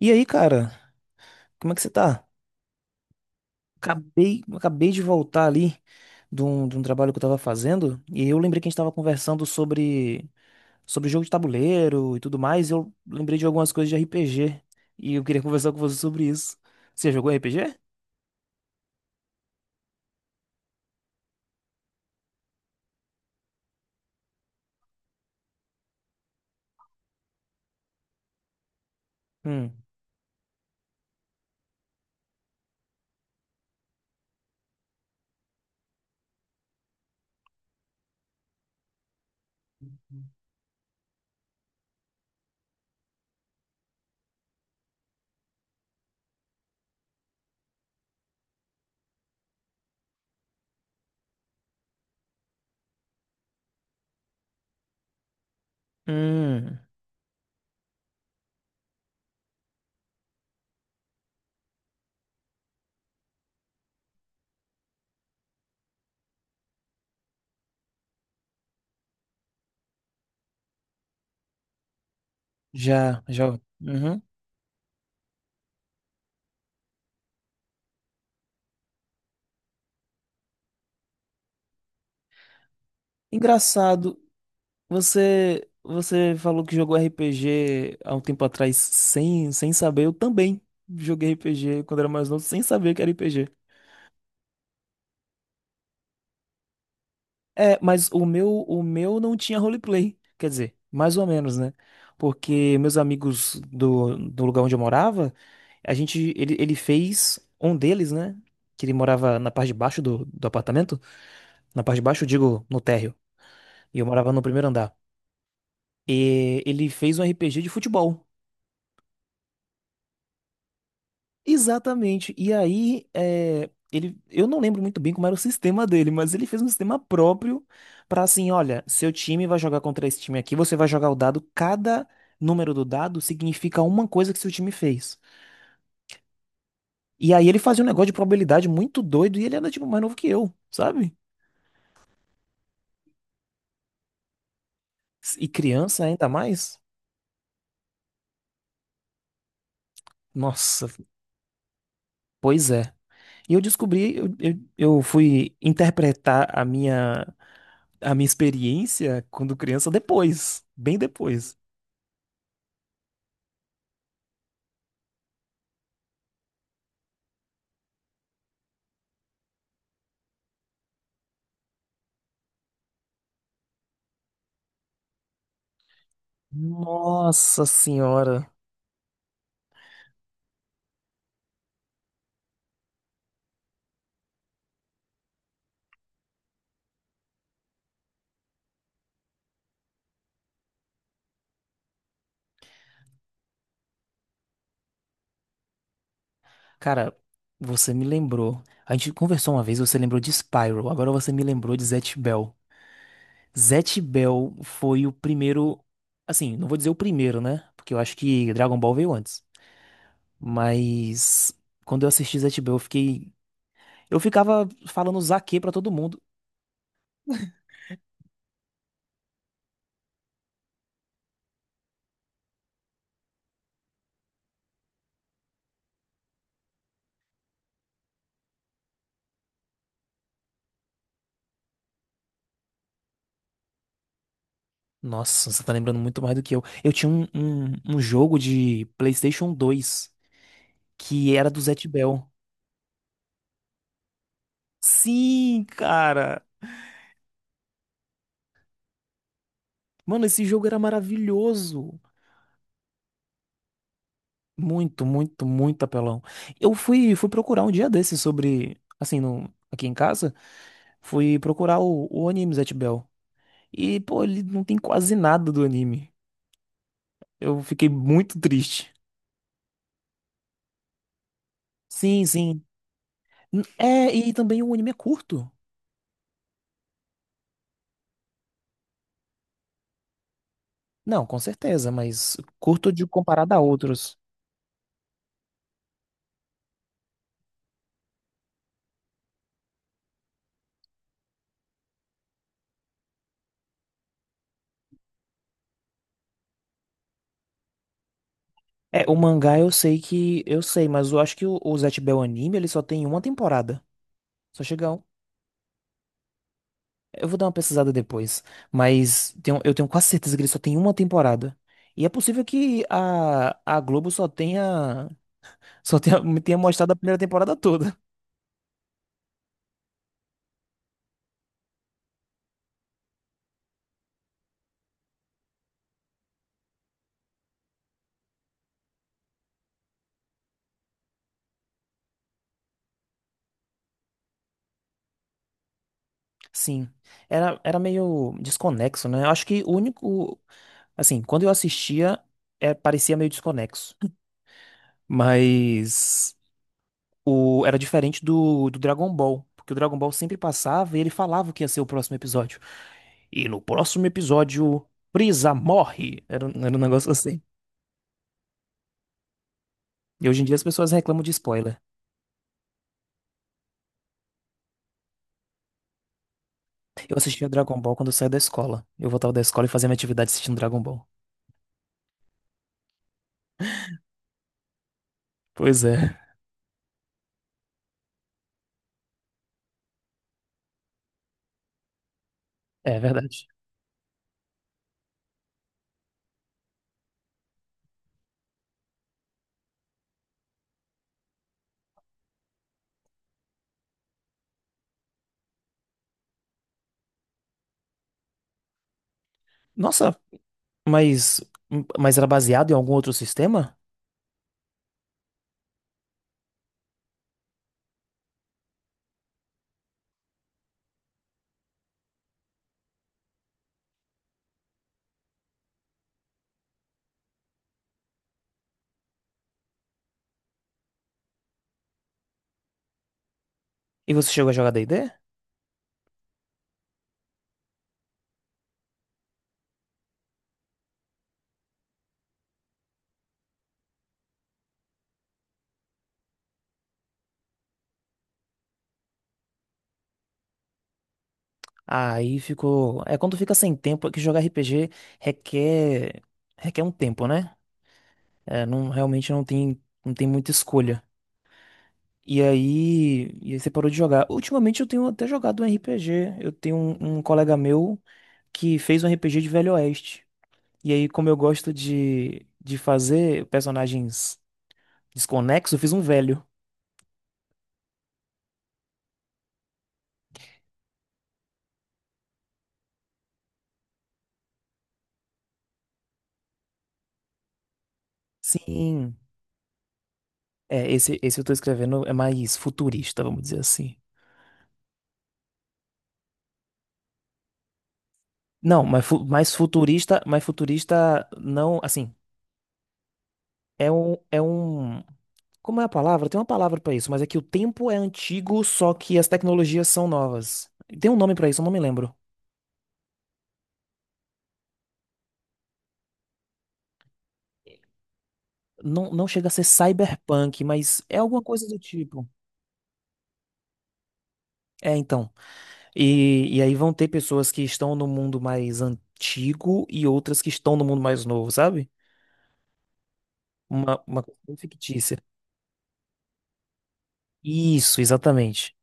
E aí, cara, como é que você tá? Acabei de voltar ali de um trabalho que eu tava fazendo, e eu lembrei que a gente tava conversando sobre jogo de tabuleiro e tudo mais, e eu lembrei de algumas coisas de RPG, e eu queria conversar com você sobre isso. Você jogou RPG? Hum. Hum, já, já. Uhum. Engraçado, você falou que jogou RPG há um tempo atrás sem saber, eu também joguei RPG quando era mais novo sem saber que era RPG. É, mas o meu não tinha roleplay. Quer dizer, mais ou menos, né? Porque meus amigos do lugar onde eu morava, a gente, ele fez um deles, né? Que ele morava na parte de baixo do apartamento. Na parte de baixo, eu digo, no térreo. E eu morava no primeiro andar. E ele fez um RPG de futebol. Exatamente. E aí, é, ele, eu não lembro muito bem como era o sistema dele, mas ele fez um sistema próprio para assim, olha, seu time vai jogar contra esse time aqui, você vai jogar o dado, cada número do dado significa uma coisa que seu time fez. E aí ele fazia um negócio de probabilidade muito doido e ele era tipo mais novo que eu, sabe? E criança ainda mais. Nossa, pois é. E eu descobri, eu fui interpretar a minha experiência quando criança depois, bem depois. Nossa senhora. Cara, você me lembrou. A gente conversou uma vez, você lembrou de Spyro, agora você me lembrou de Zatch Bell. Zatch Bell foi o primeiro, assim, não vou dizer o primeiro, né? Porque eu acho que Dragon Ball veio antes. Mas quando eu assisti Zatch Bell, eu ficava falando zaque pra todo mundo. Nossa, você tá lembrando muito mais do que eu. Eu tinha um jogo de PlayStation 2 que era do Zatch Bell. Sim, cara. Mano, esse jogo era maravilhoso. Muito apelão. Eu fui procurar um dia desses sobre, assim, no, aqui em casa, fui procurar o anime Zatch Bell. E, pô, ele não tem quase nada do anime. Eu fiquei muito triste. Sim, sim. É, e também o anime é curto. Não, com certeza, mas curto de comparado a outros. É, o mangá eu sei que, eu sei, mas eu acho que o Zatch Bell anime, ele só tem uma temporada. Só chega a um. Eu vou dar uma pesquisada depois, mas eu tenho quase certeza que ele só tem uma temporada. E é possível que a Globo me tenha mostrado a primeira temporada toda. Sim, era meio desconexo, né? Eu acho que o único, assim, quando eu assistia, é, parecia meio desconexo. Mas o, era diferente do Dragon Ball, porque o Dragon Ball sempre passava e ele falava o que ia ser o próximo episódio. E no próximo episódio, Frieza morre. Era um negócio assim. E hoje em dia as pessoas reclamam de spoiler. Eu assistia Dragon Ball quando eu saía da escola. Eu voltava da escola e fazia minha atividade assistindo Dragon Ball. Pois é, é verdade. Nossa, mas, mas era baseado em algum outro sistema? E você chegou a jogar D e D? Aí ficou. É quando fica sem tempo, é que jogar RPG requer requer um tempo, né? É, não, realmente não tem, não tem muita escolha. E aí você parou de jogar. Ultimamente eu tenho até jogado um RPG. Eu tenho um colega meu que fez um RPG de Velho Oeste. E aí, como eu gosto de fazer personagens desconexos, eu fiz um velho. Sim. É, esse eu tô escrevendo é mais futurista, vamos dizer assim. Não, mas, mais futurista não, assim, é é um, como é a palavra? Tem uma palavra pra isso, mas é que o tempo é antigo, só que as tecnologias são novas. Tem um nome pra isso, eu não me lembro. Não, não chega a ser cyberpunk, mas é alguma coisa do tipo. É, então. E aí vão ter pessoas que estão no mundo mais antigo e outras que estão no mundo mais novo, sabe? Uma coisa bem fictícia. Isso, exatamente.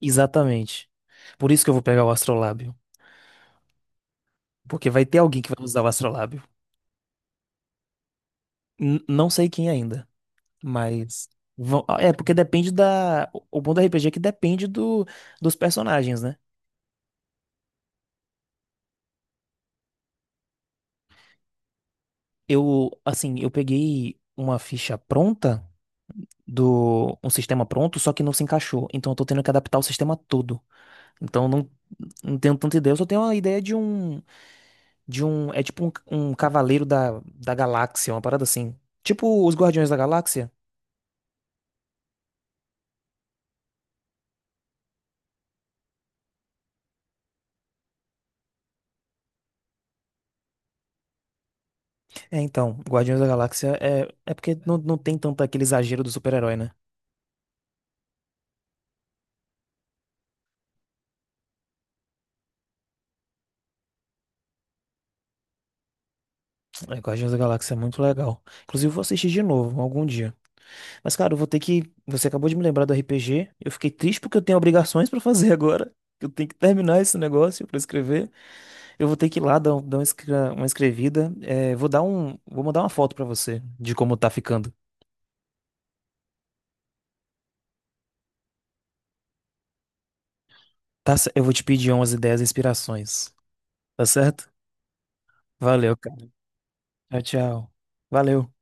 Exatamente. Por isso que eu vou pegar o astrolábio. Porque vai ter alguém que vai usar o astrolábio. Não sei quem ainda, mas. É, porque depende da. O bom do RPG é que depende do, dos personagens, né? Eu, assim, eu peguei uma ficha pronta. Do um sistema pronto, só que não se encaixou. Então eu tô tendo que adaptar o sistema todo. Então eu não tenho tanta ideia, eu só tenho uma ideia de um é tipo um, um cavaleiro da galáxia, uma parada assim. Tipo os Guardiões da Galáxia? É, então, Guardiões da Galáxia é porque não tem tanto aquele exagero do super-herói, né? É, Guardiões da Galáxia é muito legal. Inclusive, eu vou assistir de novo, algum dia. Mas, cara, eu vou ter que. Você acabou de me lembrar do RPG. Eu fiquei triste porque eu tenho obrigações pra fazer agora. Eu tenho que terminar esse negócio pra escrever. Eu vou ter que ir lá dar uma uma escrevida. É, vou dar vou mandar uma foto pra você de como tá ficando. Tá, eu vou te pedir umas ideias e inspirações. Tá certo? Valeu, cara. Tchau, tchau. Valeu.